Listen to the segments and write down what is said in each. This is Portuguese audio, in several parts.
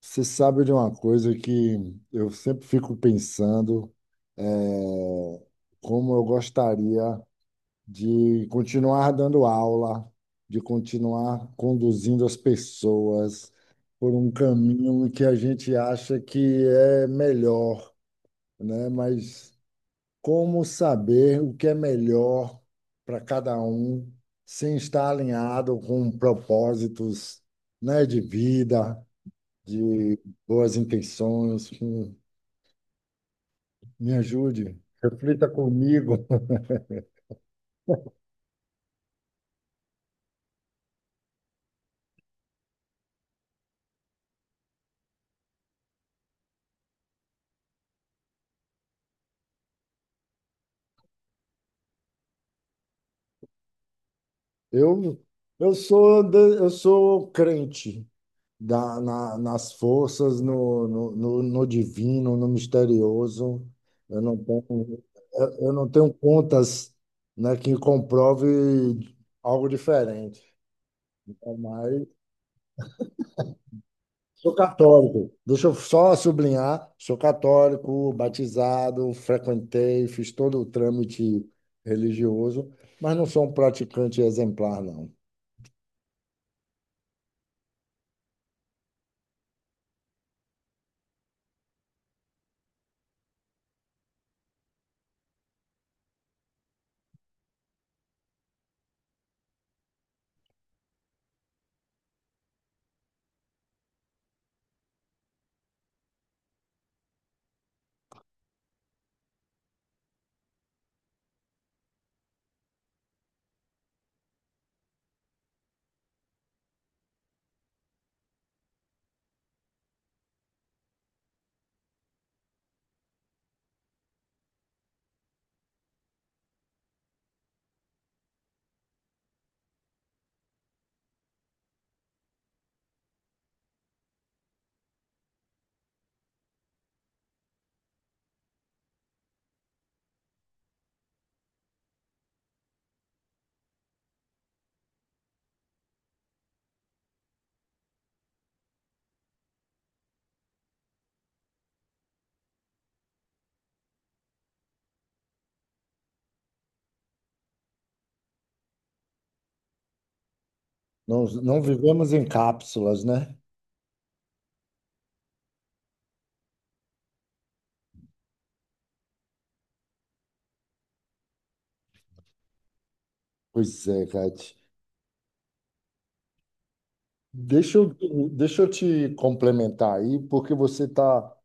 Você sabe de uma coisa que eu sempre fico pensando, é, como eu gostaria de continuar dando aula, de continuar conduzindo as pessoas por um caminho que a gente acha que é melhor, né? Mas como saber o que é melhor para cada um sem estar alinhado com propósitos, né, de vida, de boas intenções, que me ajude, reflita comigo. Eu, eu sou crente nas forças, no divino, no misterioso. Eu não tenho, eu não tenho contas, né, que comprove algo diferente. Então, Mas Sou católico. Deixa eu só sublinhar, sou católico, batizado, frequentei, fiz todo o trâmite religioso, mas não sou um praticante exemplar, não. Não, não vivemos em cápsulas, né? Pois é, Kate. Deixa eu, deixa eu te complementar aí, porque você está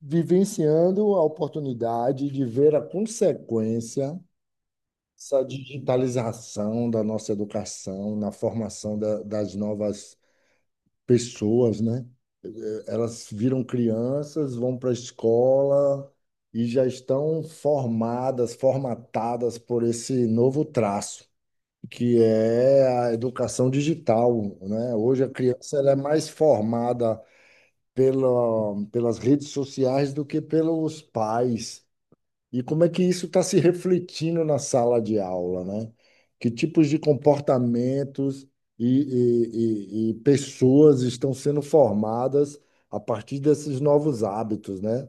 vivenciando a oportunidade de ver a consequência dessa digitalização da nossa educação na formação das novas pessoas, né? Elas viram crianças, vão para a escola e já estão formadas, formatadas por esse novo traço, que é a educação digital, né? Hoje a criança ela é mais formada pelas redes sociais do que pelos pais. E como é que isso está se refletindo na sala de aula, né? Que tipos de comportamentos e pessoas estão sendo formadas a partir desses novos hábitos, né?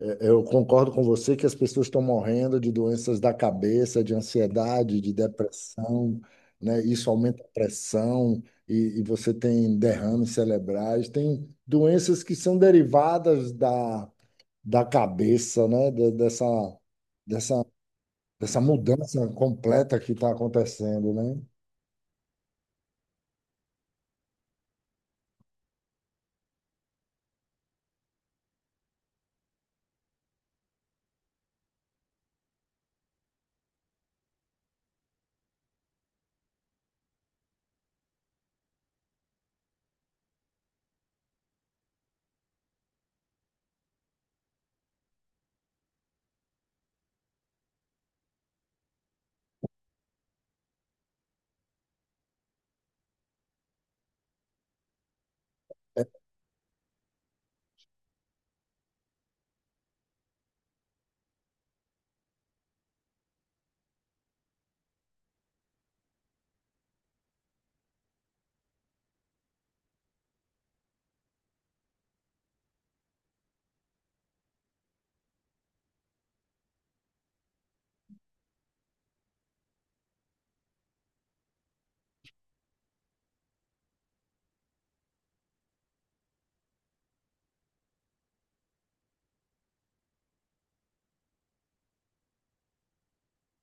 É, Eu concordo com você que as pessoas estão morrendo de doenças da cabeça, de ansiedade, de depressão, né? Isso aumenta a pressão e você tem derrames cerebrais, tem doenças que são derivadas da cabeça, né? Dessa, dessa mudança completa que está acontecendo, né?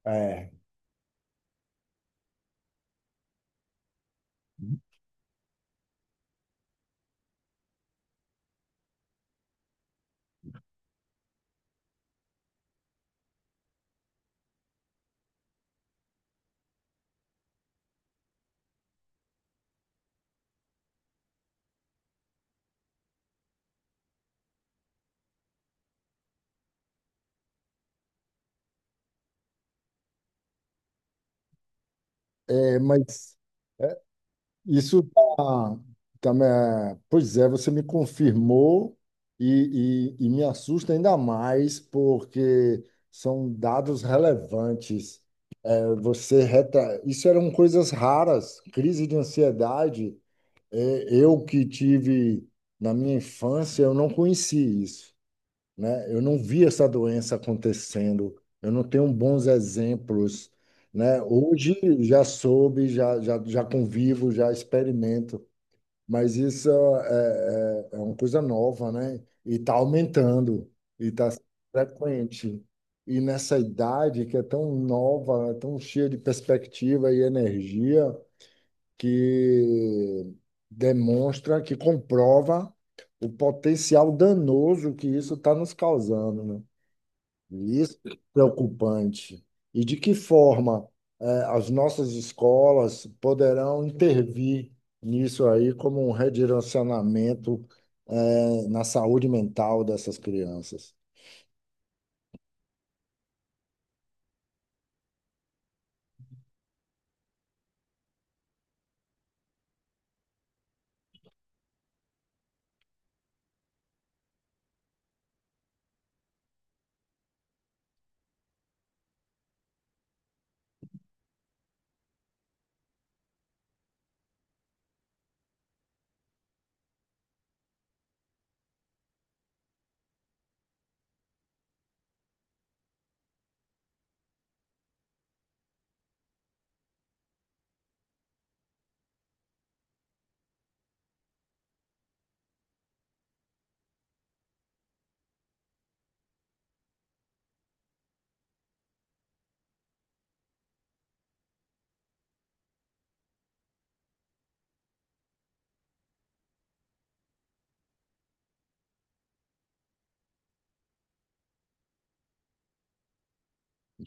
É, é, mas isso tá, também é, pois é, você me confirmou e me assusta ainda mais porque são dados relevantes. É. Você reta, isso eram coisas raras, crise de ansiedade. Eu que tive na minha infância, eu não conheci isso. Né? Eu não vi essa doença acontecendo, eu não tenho bons exemplos, né? Hoje já soube, já convivo, já experimento, mas isso é uma coisa nova, né? E está aumentando, e está frequente. E nessa idade que é tão nova, né, tão cheia de perspectiva e energia, que demonstra, que comprova o potencial danoso que isso está nos causando, né? E isso é preocupante. E de que forma as nossas escolas poderão intervir nisso aí como um redirecionamento na saúde mental dessas crianças?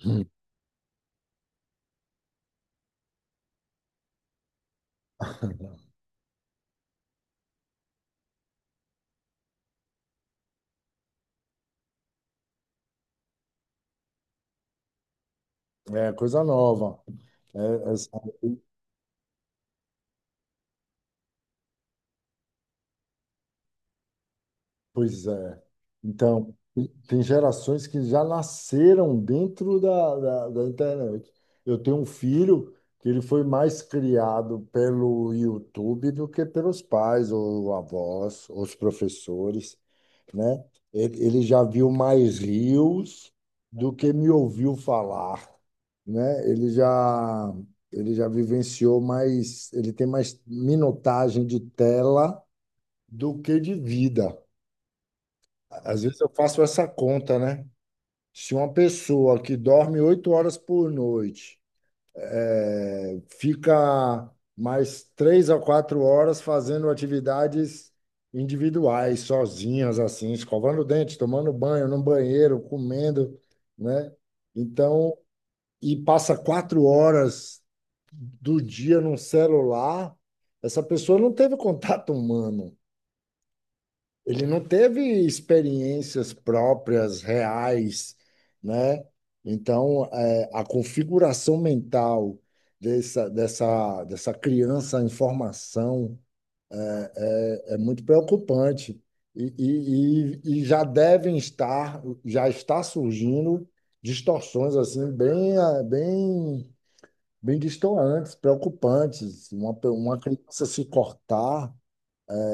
Hum. É coisa nova. É, é, Pois é. Então, tem gerações que já nasceram dentro da, da, da internet. Eu tenho um filho que ele foi mais criado pelo YouTube do que pelos pais, ou avós, ou os professores, né? Ele já viu mais rios do que me ouviu falar, né? Ele já vivenciou mais, ele tem mais minutagem de tela do que de vida. Às vezes eu faço essa conta, né? Se uma pessoa que dorme 8 horas por noite fica mais 3 a 4 horas fazendo atividades individuais, sozinhas, assim, escovando o dente, tomando banho no banheiro, comendo, né? Então, e passa 4 horas do dia num celular, essa pessoa não teve contato humano. Ele não teve experiências próprias, reais, né? Então, a configuração mental dessa criança em formação é muito preocupante. E já devem estar, já está surgindo distorções assim bem distoantes, preocupantes. Uma criança se cortar.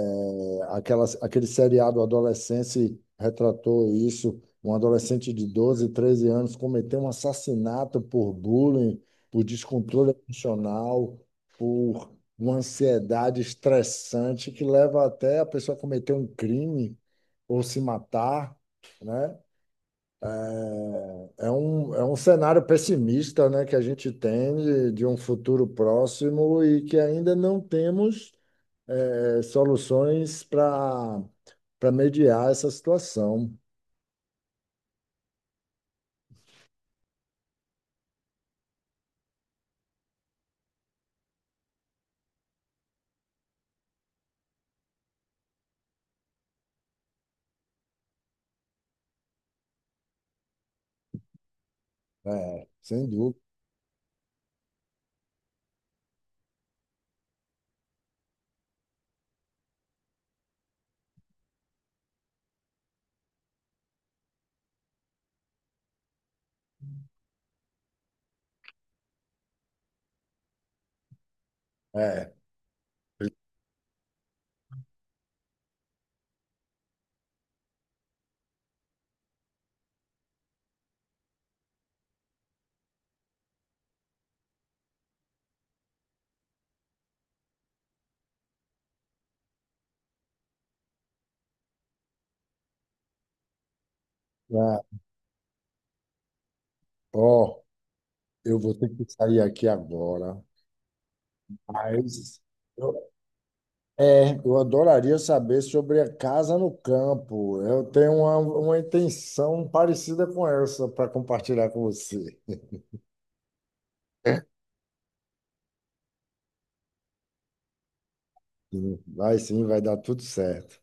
Aquele seriado Adolescência retratou isso. Um adolescente de 12, 13 anos cometeu um assassinato por bullying, por descontrole emocional, por uma ansiedade estressante que leva até a pessoa a cometer um crime ou se matar, né? É um cenário pessimista, né, que a gente tem de um futuro próximo e que ainda não temos soluções para mediar essa situação. É, sem dúvida. É, é, ó, eu vou ter que sair aqui agora. Mas eu, eu adoraria saber sobre a casa no campo. Eu tenho uma intenção parecida com essa para compartilhar com você. Sim, vai sim, vai dar tudo certo.